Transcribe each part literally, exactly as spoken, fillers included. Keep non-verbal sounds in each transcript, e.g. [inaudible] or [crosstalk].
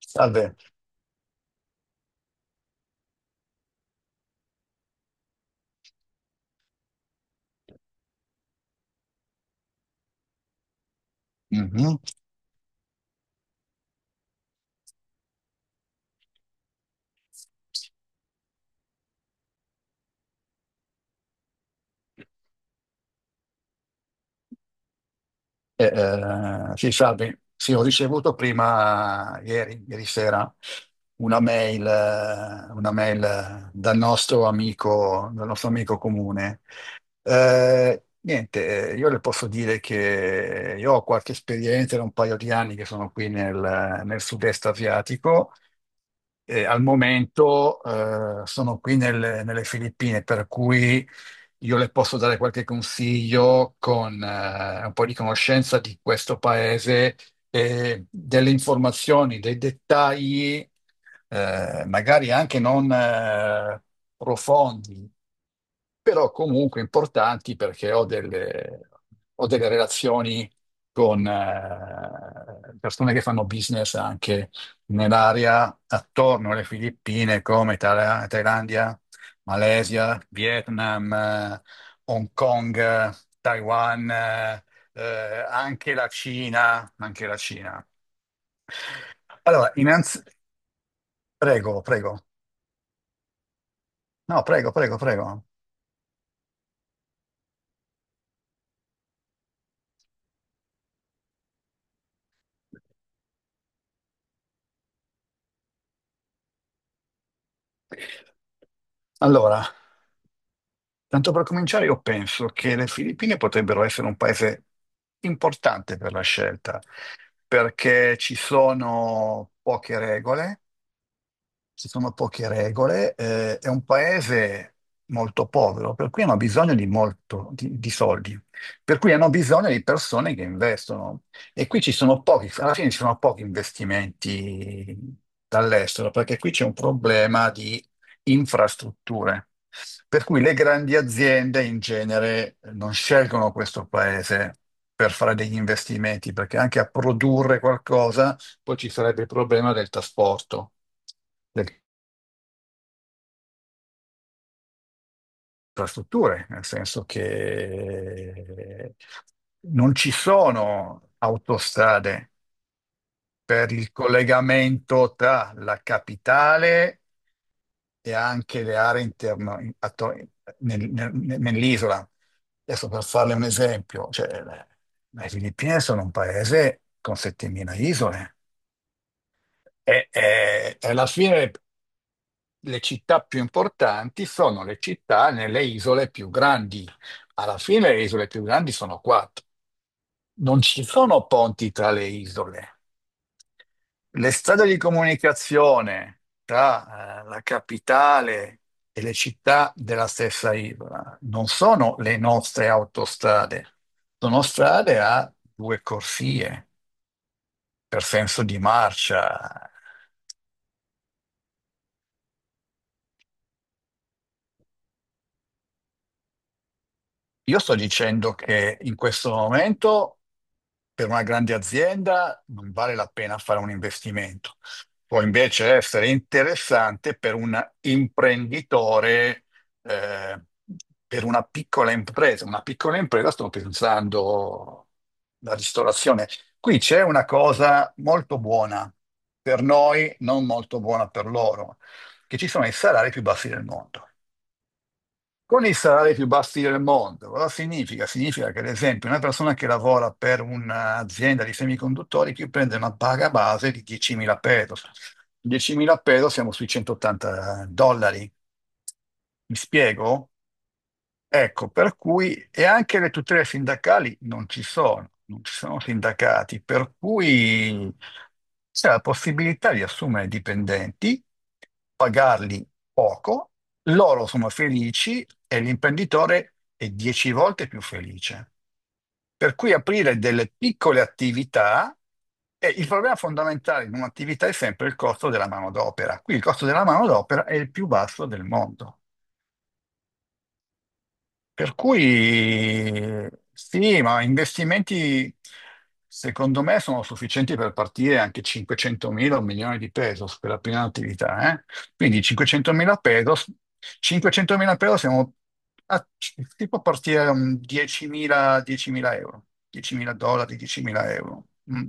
Salve. Mhm. Eh, eh, sì, salve. Sì, ho ricevuto prima, ieri, ieri sera, una mail, eh, una mail eh, dal nostro amico, dal nostro amico comune. Eh, niente, eh, io le posso dire che io ho qualche esperienza, da un paio di anni che sono qui nel, nel sud-est asiatico. Eh, al momento eh, sono qui nelle nelle Filippine, per cui io le posso dare qualche consiglio con eh, un po' di conoscenza di questo paese e delle informazioni, dei dettagli, eh, magari anche non eh, profondi, però comunque importanti perché ho delle, ho delle relazioni con eh, persone che fanno business anche nell'area attorno alle Filippine, come Tala- Thailandia, Malesia, Vietnam, eh, Hong Kong, eh, Taiwan, eh, eh, anche la Cina, anche la Cina. Allora, innanzi... Prego, prego. No, prego, prego, prego. Allora, Tanto per cominciare, io penso che le Filippine potrebbero essere un paese importante per la scelta, perché ci sono poche regole, ci sono poche regole, eh, è un paese molto povero, per cui hanno bisogno di molto, di, di soldi, per cui hanno bisogno di persone che investono. E qui ci sono pochi, alla fine ci sono pochi investimenti dall'estero, perché qui c'è un problema di infrastrutture. Per cui le grandi aziende in genere non scelgono questo paese per fare degli investimenti, perché anche a produrre qualcosa poi ci sarebbe il problema del trasporto, delle infrastrutture, nel senso che non ci sono autostrade per il collegamento tra la capitale e anche le aree interne atto- nel- nel- nell'isola. Adesso per farle un esempio, cioè, le le Filippine sono un paese con settemila isole. E, e- e alla fine le città più importanti sono le città nelle isole più grandi. Alla fine le isole più grandi sono quattro. Non ci sono ponti tra le isole. Le strade di comunicazione tra eh, la capitale e le città della stessa isola non sono le nostre autostrade, sono strade a due corsie per senso di marcia. Io sto dicendo che in questo momento per una grande azienda non vale la pena fare un investimento. Può invece essere interessante per un imprenditore, eh, per una piccola impresa. Una piccola impresa, sto pensando la ristorazione. Qui c'è una cosa molto buona per noi, non molto buona per loro, che ci sono i salari più bassi del mondo. Con i salari più bassi del mondo, cosa significa? Significa che, ad esempio, una persona che lavora per un'azienda di semiconduttori che prende una paga base di diecimila pesos. diecimila pesos siamo sui centottanta dollari. Mi spiego? Ecco, per cui e anche le tutele sindacali non ci sono, non ci sono sindacati, per cui c'è la possibilità di assumere dipendenti, pagarli poco, loro sono felici e l'imprenditore è dieci volte più felice. Per cui aprire delle piccole attività, e il problema fondamentale in un'attività è sempre il costo della manodopera. Qui il costo della manodopera è il più basso del mondo. Per cui sì, ma investimenti secondo me sono sufficienti per partire anche cinquecentomila o un milione di pesos per la prima attività. eh. Quindi cinquecentomila pesos, cinquecentomila pesos siamo a, si può partire da un diecimila diecimila euro, diecimila dollari, diecimila euro. Mm.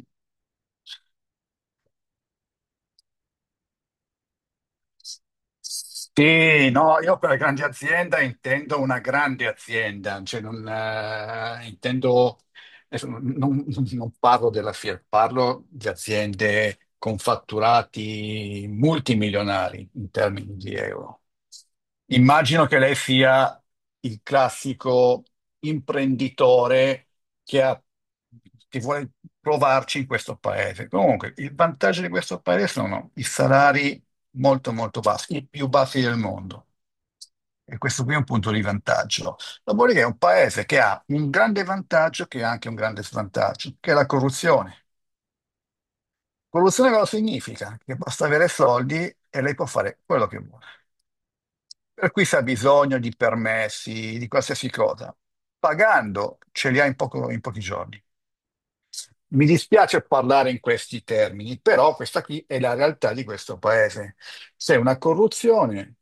Sì, no, io per grande azienda intendo una grande azienda, cioè non, eh, intendo, adesso non, non- non parlo della Fiat, parlo di aziende con fatturati multimilionari in termini di euro. Immagino che lei sia il classico imprenditore che ha- che vuole provarci in questo paese. Comunque, il vantaggio di questo paese sono i salari molto molto baffi, i più baffi del mondo. E questo qui è un punto di vantaggio. Dopodiché è un paese che ha un grande vantaggio che ha anche un grande svantaggio, che è la corruzione. Corruzione cosa significa? Che basta avere soldi e lei può fare quello che vuole. Per cui se ha bisogno di permessi, di qualsiasi cosa, pagando ce li ha in poco- in pochi giorni. Mi dispiace parlare in questi termini, però questa qui è la realtà di questo paese. C'è una corruzione.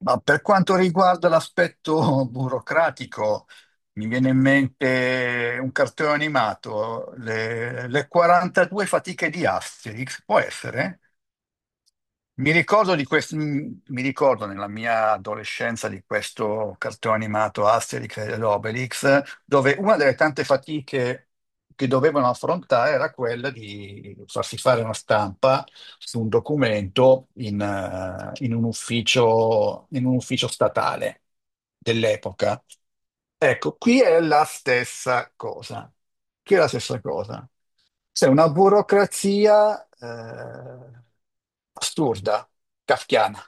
Ma per quanto riguarda l'aspetto [laughs] burocratico, mi viene in mente un cartone animato, le, le quarantadue fatiche di Asterix, può essere? Mi ricordo, di quest- mi ricordo nella mia adolescenza di questo cartone animato Asterix ed Obelix, dove una delle tante fatiche che dovevano affrontare era quella di farsi fare una stampa su un documento in, eh, in un ufficio, in un ufficio statale dell'epoca. Ecco, qui è la stessa cosa. Qui è la stessa cosa. C'è una burocrazia eh, assurda, kafkiana.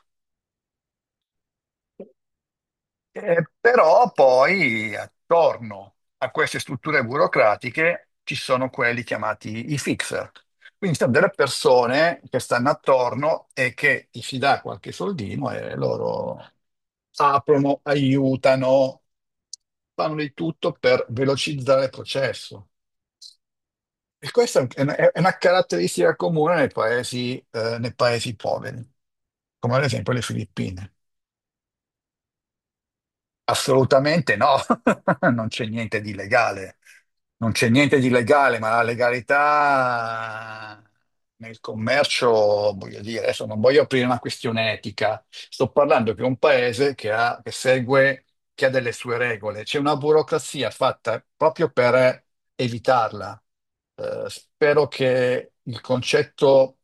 Eh, però poi attorno a queste strutture burocratiche ci sono quelli chiamati i fixer. Quindi sono delle persone che stanno attorno e che ti si dà qualche soldino e loro aprono, aiutano, fanno di tutto per velocizzare il processo. E questa è una, è una caratteristica comune nei paesi, eh, nei paesi poveri, come ad esempio le Filippine. Assolutamente no, [laughs] non c'è niente di legale, non c'è niente di legale, ma la legalità nel commercio, voglio dire, adesso non voglio aprire una questione etica, sto parlando che è un paese che ha, che segue, che ha delle sue regole, c'è una burocrazia fatta proprio per evitarla. Eh, spero che il concetto,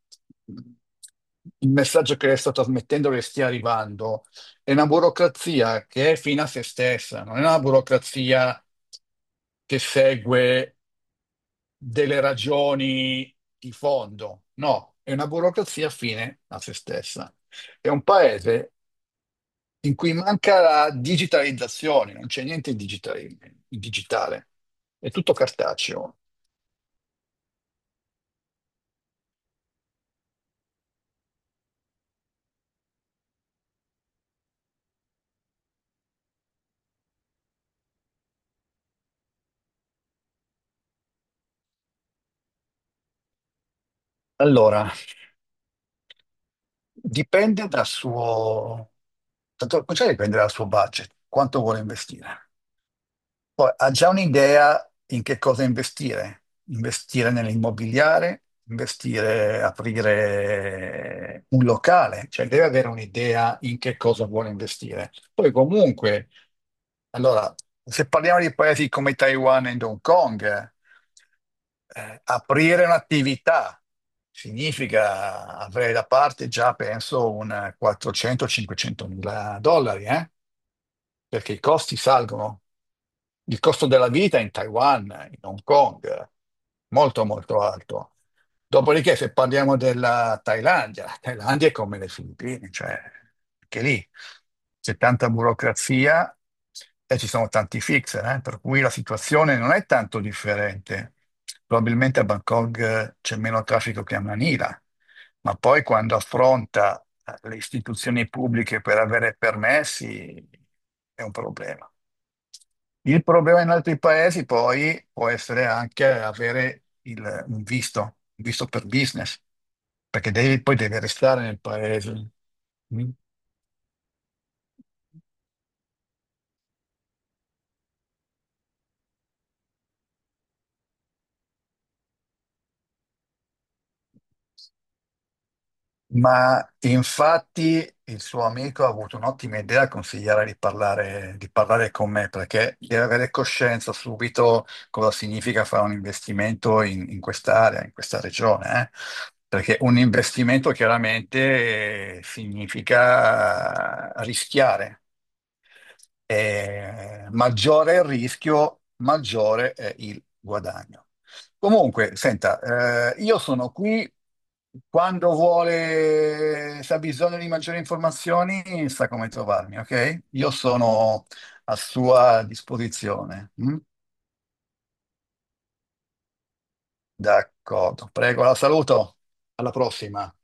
il messaggio che le sto trasmettendo le stia arrivando, è una burocrazia che è fine a se stessa, non è una burocrazia che segue delle ragioni di fondo, no, è una burocrazia fine a se stessa. È un paese in cui manca la digitalizzazione, non c'è niente in digitali- in digitale, è tutto cartaceo. Allora, dipende dal suo, tanto cominciare dipende dal suo budget, quanto vuole investire. Poi ha già un'idea in che cosa investire, investire nell'immobiliare, investire, aprire un locale, cioè deve avere un'idea in che cosa vuole investire. Poi comunque, allora, se parliamo di paesi come Taiwan e Hong Kong, eh, aprire un'attività significa avere da parte già, penso, un quattrocento cinquecento mila dollari, eh? Perché i costi salgono. Il costo della vita in Taiwan, eh, in Hong Kong, è molto molto alto. Dopodiché, se parliamo della Thailandia, la Thailandia è come le Filippine, cioè anche lì c'è tanta burocrazia e ci sono tanti fixer, eh, per cui la situazione non è tanto differente. Probabilmente a Bangkok eh, c'è meno traffico che a Manila, ma poi quando affronta eh, le istituzioni pubbliche per avere permessi è un problema. Il problema in altri paesi poi può essere anche avere il- un visto, un visto per business, perché devi- poi devi restare nel paese. Mm. Ma infatti il suo amico ha avuto un'ottima idea a consigliare di parlare, di parlare con me, perché deve avere coscienza subito cosa significa fare un investimento in, in quest'area, in questa regione, eh. Perché un investimento chiaramente eh, significa rischiare, eh, maggiore è il rischio, maggiore è il guadagno. Comunque, senta, eh, io sono qui quando vuole, se ha bisogno di maggiori informazioni, sa come trovarmi, ok? Io sono a sua disposizione. mm? D'accordo, prego, la saluto. Alla prossima.